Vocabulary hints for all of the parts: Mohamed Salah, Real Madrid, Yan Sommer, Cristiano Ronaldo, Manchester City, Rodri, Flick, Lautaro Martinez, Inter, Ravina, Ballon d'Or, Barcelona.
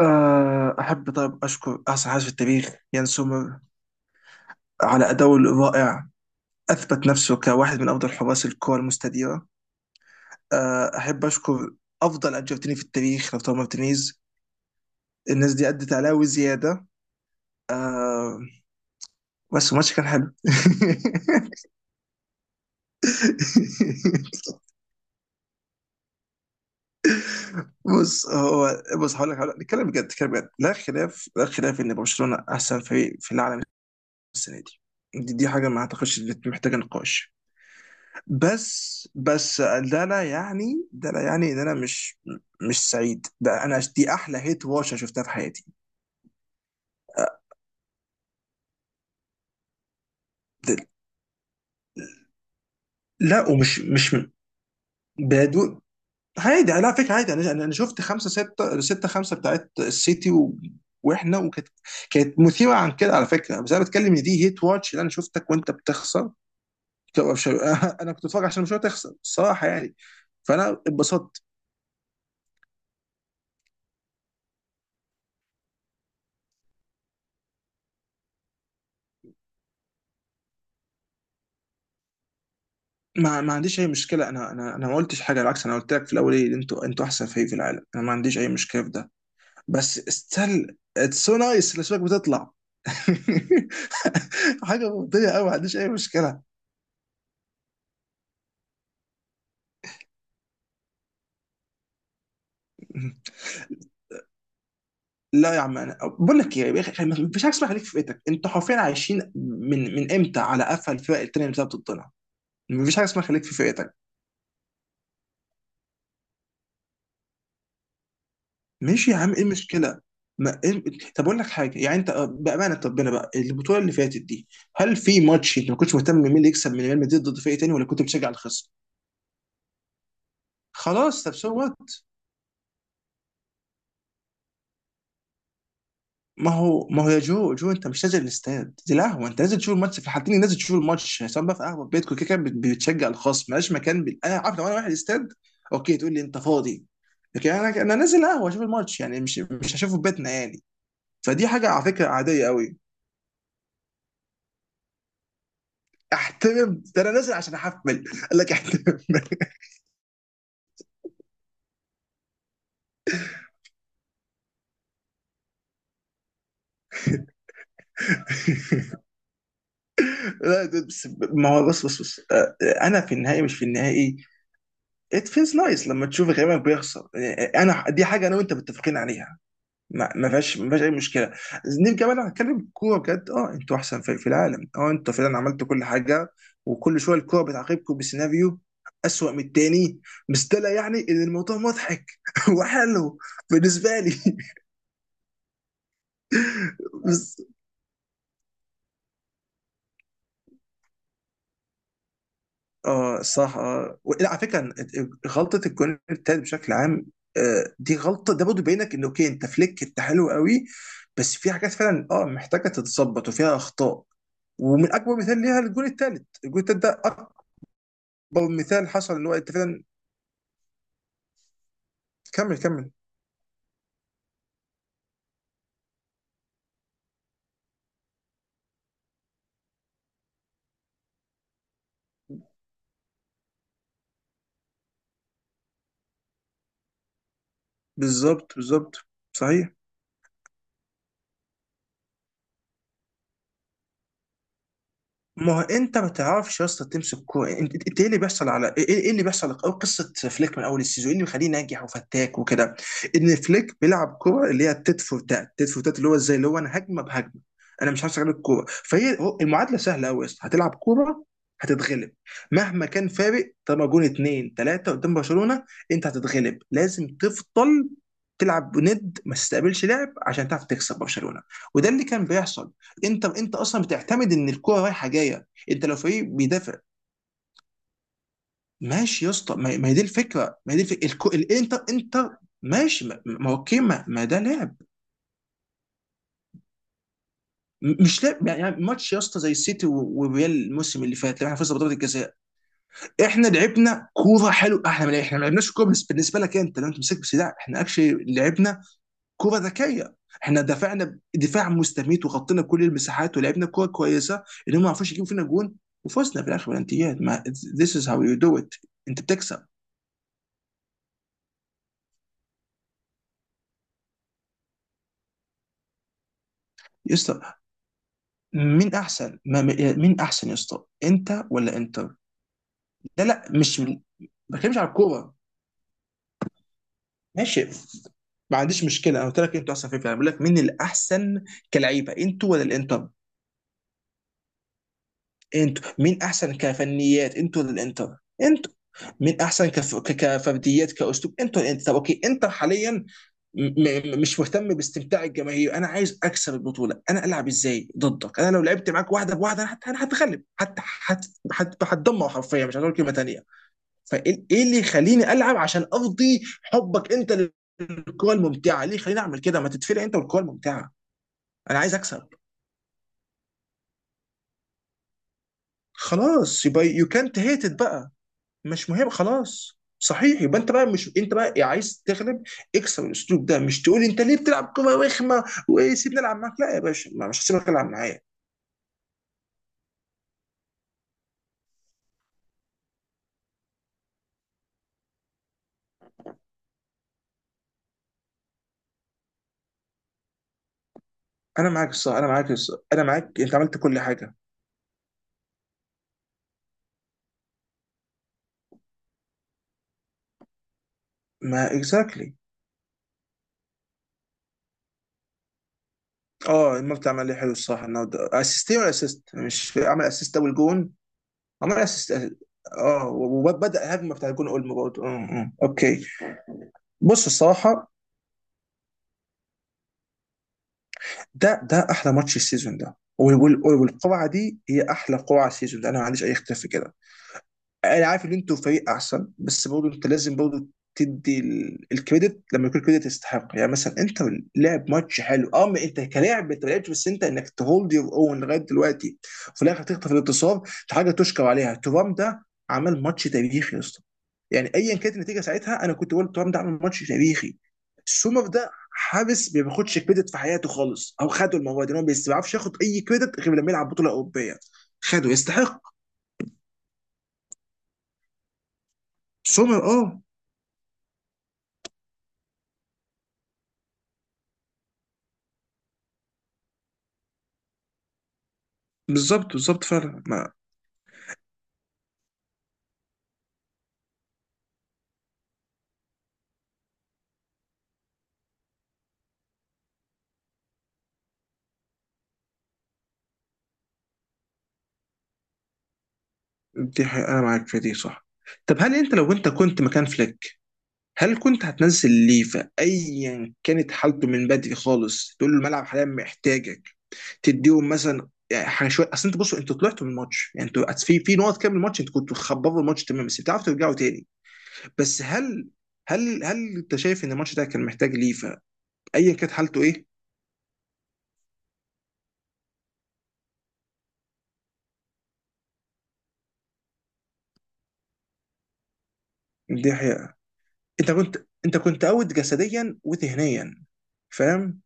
أحب طيب أشكر أحسن حارس في التاريخ يان سومر على أداؤه الرائع. أثبت نفسه كواحد من أفضل حراس الكرة المستديرة. أحب أشكر أفضل أرجنتيني في التاريخ لوتارو مارتينيز. الناس دي أدت عليه وزيادة. بس الماتش كان حلو. بص هو بص هقول لك، نتكلم بجد. لا خلاف إن برشلونة أحسن فريق في العالم السنة دي. دي حاجة ما أعتقدش إن محتاجة نقاش. بس ده لا يعني ان انا مش سعيد. ده انا دي احلى هيت واتش أنا شفتها في حياتي. ده لا ومش مش بدون. عادي على فكره، عادي. انا شفت خمسه سته سته خمسه بتاعت السيتي و... واحنا وكانت، كانت مثيره عن كده على فكره. بس انا بتكلم ان دي هيت واتش اللي انا شفتك وانت بتخسر. طب مش- انا كنت بتفرج عشان مش تخسر الصراحه يعني. فانا اتبسطت. ما عنديش اي مشكله. انا ما قلتش حاجه، بالعكس. انا قلت لك في الاول ايه، انتوا احسن فريق في العالم. انا ما عنديش اي مشكله في ده. بس استل اتس سو نايس الاسماك بتطلع. حاجه منطقيه قوي، ما عنديش اي مشكله. لا يا عم، انا بقول لك ايه يا اخي، ما فيش حاجه اسمها خليك في فئتك. انتوا حرفيا عايشين من امتى على قفا الفرق التانيه اللي بتلعب ضدنا. ما فيش حاجه اسمها خليك في فئتك. ماشي يا عم، ايه المشكله؟ ما إيه... طب اقول لك حاجه، يعني انت بامانه ربنا بقى البطوله اللي فاتت دي، هل في ماتش انت ما كنتش مهتم مين اللي يكسب من ريال مدريد ضد فريق تاني ولا كنت بتشجع الخصم؟ خلاص طب سو وات. ما هو يا جو جو، انت مش نازل الاستاد، دي قهوه. انت نازل تشوف الماتش في الحالتين، نازل تشوف الماتش سواء بقى في قهوه في بيتكم. كده كده بت- بتشجع الخصم. مالهاش مكان بال... انا عارف. لو انا واحد استاد، اوكي، تقول لي انت فاضي. لكن انا نازل قهوه اشوف الماتش يعني، مش هشوفه في بيتنا يعني. فدي حاجه على فكره عاديه قوي. احترم ده، انا نازل عشان احفل. قال لك احترم. لا ده بس، ما هو بص، انا في النهائي مش في النهائي. ات فيلز نايس لما تشوف غيرك بيخسر. انا دي حاجه انا وانت متفقين عليها. ما فيهاش اي مشكله. نيجي كمان هنتكلم كوره بجد. اه انتوا احسن فريق في العالم، اه انتوا فعلا عملتوا كل حاجه. وكل شويه الكوره بتعاقبكم بسيناريو اسوأ من التاني. بس ده لا يعني ان الموضوع مضحك وحلو. بالنسبه لي. بس اه صح اه و- لا على فكره غلطه الجون التالت بشكل عام. دي غلطه ده برضه بينك ان اوكي انت فليك انت حلو قوي. بس في حاجات فعلا اه محتاجه تتظبط وفيها اخطاء. ومن اكبر مثال ليها الجون التالت. الجون التالت ده اكبر مثال حصل ان هو انت فعلا. كمل. بالظبط بالظبط. صحيح. ما هو انت ما تعرفش يا اسطى تمسك كوره. انت انت ايه اللي بيحصل على ايه، ايه اللي بيحصل او قصه فليك من اول السيزون؟ ايه اللي مخليه ناجح وفتاك وكده؟ ان فليك بيلعب كوره اللي هي تيت فور تات، اللي هو ازاي، اللي هو انا هجمه بهجمه. انا مش همسك عليك الكوره، فهي هو- المعادله سهله قوي يا اسطى، هتلعب كوره هتتغلب مهما كان فارق. طالما جون اتنين تلاته قدام برشلونه، انت هتتغلب. لازم تفضل تلعب ند، ما تستقبلش لعب عشان تعرف تكسب برشلونه. وده اللي كان بيحصل. انت اصلا بتعتمد ان الكوره رايحه جايه. انت لو فريق بيدافع، ماشي يا اسطى، ما هي دي الفكره الكو... الانتر، انتر. ماشي. ما هو اوكي، ما ده لعب. م- مش لعب يعني. يعني ماتش يا اسطى زي السيتي و- والريال الموسم اللي فات لما احنا فزنا بضربه الجزاء. احنا لعبنا كوره حلوه. احنا ما لعب- احنا ما لعبناش كوره بالنسبه لك انت. لو انت مسكت بس لا، احنا اكشلي لعبنا كره ذكيه. احنا دفعنا دفاع مستميت وغطينا كل المساحات ولعبنا كره كويسه انهم ما عرفوش يجيبوا فينا جون. وفزنا في الاخر بالانتيات. ما this is how you do it. انت بتكسب يا اسطى. مين احسن ما مين احسن يا اسطى، انت ولا انتر؟ لا لا مش ما بتكلمش على الكوره. ماشي. ما عنديش مشكله. انا قلت لك انتوا احسن في الفريق، بقول لك مين الاحسن كلعيبه، انتوا ولا الانتر؟ انتوا مين احسن كفنيات، انتوا ولا الانتر؟ انتوا مين احسن كف... ك- كفرديات كاسلوب، انتوا ولا الانتر؟ طب اوكي، انتر حاليا. مش مهتم باستمتاع الجماهير. انا عايز اكسب البطوله. انا العب ازاي ضدك؟ انا لو لعبت معاك واحده بواحده انا هت- أنا هتغلب حتى. هت... هتدمر حرفيا. مش هقول كلمه تانيه. فايه إيه اللي يخليني العب عشان ارضي حبك انت للكره الممتعه؟ ليه خليني اعمل كده؟ ما تتفلق انت والكره الممتعه. انا عايز اكسب. خلاص يبقى يو كانت هيت. مش مهم. خلاص صحيح، يبقى انت بقى مش، انت بقى إيه، عايز تغلب؟ اكسر الاسلوب ده. مش تقول انت ليه بتلعب كوره رخمه وسيبني العب معاك. لا يا باشا، ما مش هسيبك العب معايا. انا معاك الصح، انا معاك، انت عملت كل حاجه. ما اكزاكتلي. اه المرتب عمل لي حلو الصح النهارده. اسيستين ولا اسيست، مش عمل اسيست اول جون؟ عمل اسيست. اه وبدا الهجمه بتاع الجون اولمو برضه. اه اه اوكي. بص الصراحه، ده احلى ماتش السيزون ده، وال- وال- والقرعه دي هي احلى قرعه السيزون ده. انا ما عنديش اي اختلاف في كده. انا عارف ان انتوا فريق احسن، بس برضه انت لازم برضه تدي ال- الكريدت لما يكون الكريدت يستحق. يعني مثلا انت لعب ماتش حلو اه. ما انت كلاعب انت ما لعبتش، بس انت انك تهولد يور اون لغايه دلوقتي وفي الاخر تخطف الانتصار، دي حاجه تشكر عليها. ترام ده عمل ماتش تاريخي يا اسطى. يعني ايا كانت النتيجه ساعتها انا كنت بقول ترام ده عمل ماتش تاريخي. سومر ده حابس ما بياخدش كريدت في حياته خالص او خده المره دي، إن هو ما بيعرفش ياخد اي كريدت غير لما يلعب بطوله اوروبيه. خده يستحق. سومر اه. بالظبط بالظبط فعلا. ما دي حقيقة، انا معاك في دي صح. طب هل انت لو انت كنت مكان فليك، هل كنت هتنزل ليفا ايا كانت حالته من بدري خالص تقول له الملعب حاليا محتاجك؟ تديهم مثلا يعني حاجه شويه، اصل انت بصوا انتوا طلعتوا من الماتش، يعني انتوا في في نقط كام من الماتش انتوا كنتوا خبروا الماتش تمام بس بتعرفوا ترجعوا تاني. بس هل، هل انت شايف ان الماتش ده كان محتاج ليفا ايا كانت حالته ايه؟ دي حقيقة. انت كنت انت كنت اوت جسديا وذهنيا. فاهم؟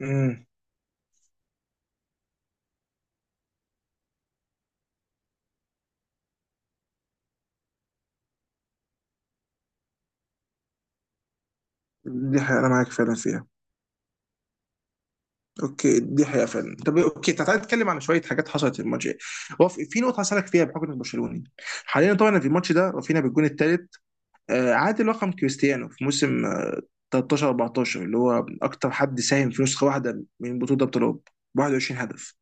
امم دي حقيقة انا معاك فعلا فيها. اوكي دي حقيقة فعلا. طب اوكي تعالى نتكلم عن شوية حاجات حصلت في الماتش. هو في في نقطة هسألك فيها بحكم انك برشلوني حاليا. طبعا في الماتش ده رافينا بالجون الثالث عادل رقم كريستيانو في موسم 13 14 اللي هو اكتر حد ساهم في نسخه واحده من بطوله ابطال اوروبا. 21 هدف.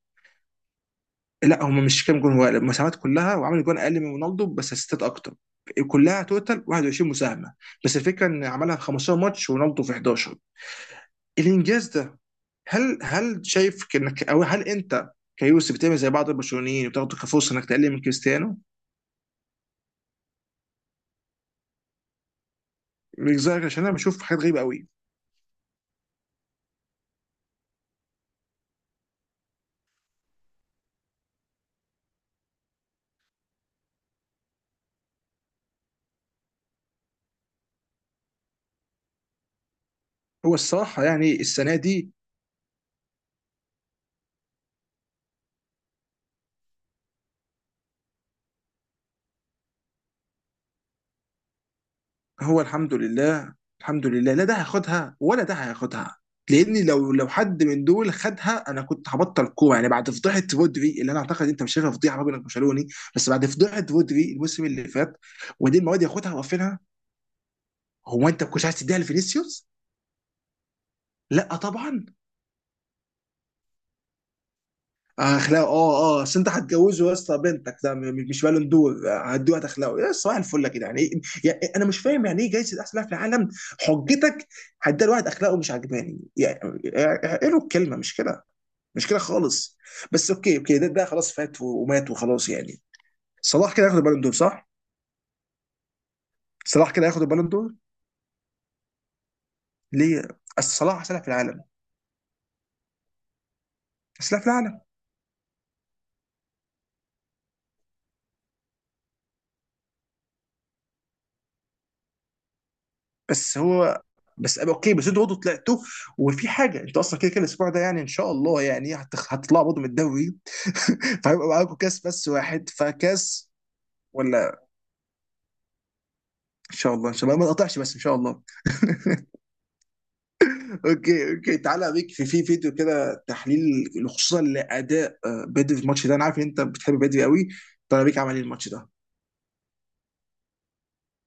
لا هم مش كام جون، هو المساهمات كلها. وعمل جون اقل من رونالدو بس اسيستات اكتر. كلها توتال 21 مساهمه. بس الفكره ان عملها في 15 ماتش ورونالدو في 11. الانجاز ده، هل، هل شايف انك او هل انت كيوسف بتعمل زي بعض البرشلونيين وتاخده كفرصه انك تقلل من كريستيانو؟ من رأيك؟ عشان انا بشوف حاجات غريبه قوي. هو الصراحه يعني السنه دي. هو الحمد لله. الحمد لله، لا ده هياخدها ولا ده هياخدها. لان لو حد من دول خدها انا كنت هبطل كوره يعني بعد فضيحه رودري اللي انا اعتقد انت مش شايفها فضيحه راجل برشلوني. بس بعد فضيحه رودري الموسم اللي فات، ودي المواد ياخدها وقفلها. هو انت ما كنتش عايز تديها لفينيسيوس؟ لا طبعا. اخلاقه اه اه، اصل انت هتجوزه يا اسطى بنتك؟ ده م- مش بالون دور. هتدوق اخلاقه يا اسطى. صباح الفل يا جدعان يعني، إيه؟ يعني انا مش فاهم يعني ايه جايزه احسن لاعب في العالم؟ حجتك هتديها لواحد اخلاقه مش عجباني يعني، يعني ايه له الكلمه؟ مش كده، مش كده خالص. بس اوكي اوكي، ده خلاص فات و- ومات وخلاص يعني. صلاح كده هياخد البالون دور صح؟ صلاح كده هياخد البالون دور. ليه؟ أصل صلاح احسن لاعب في العالم. احسن لاعب في العالم. بس هو، بس أبقى اوكي بس انتوا برضه طلعتوا. وفي حاجه انتوا اصلا كده كده الاسبوع ده يعني ان شاء الله يعني هتخ- هتطلعوا برضه من الدوري. فهيبقى معاكم كاس بس، واحد فكاس. ولا، ان شاء الله ان شاء الله ما تقطعش بس ان شاء الله. اوكي اوكي تعالى اوريك في في فيديو كده تحليل خصوصا لاداء بدري في الماتش ده. انا عارف ان انت بتحب بدري قوي. تعالى اوريك عمل ايه الماتش ده.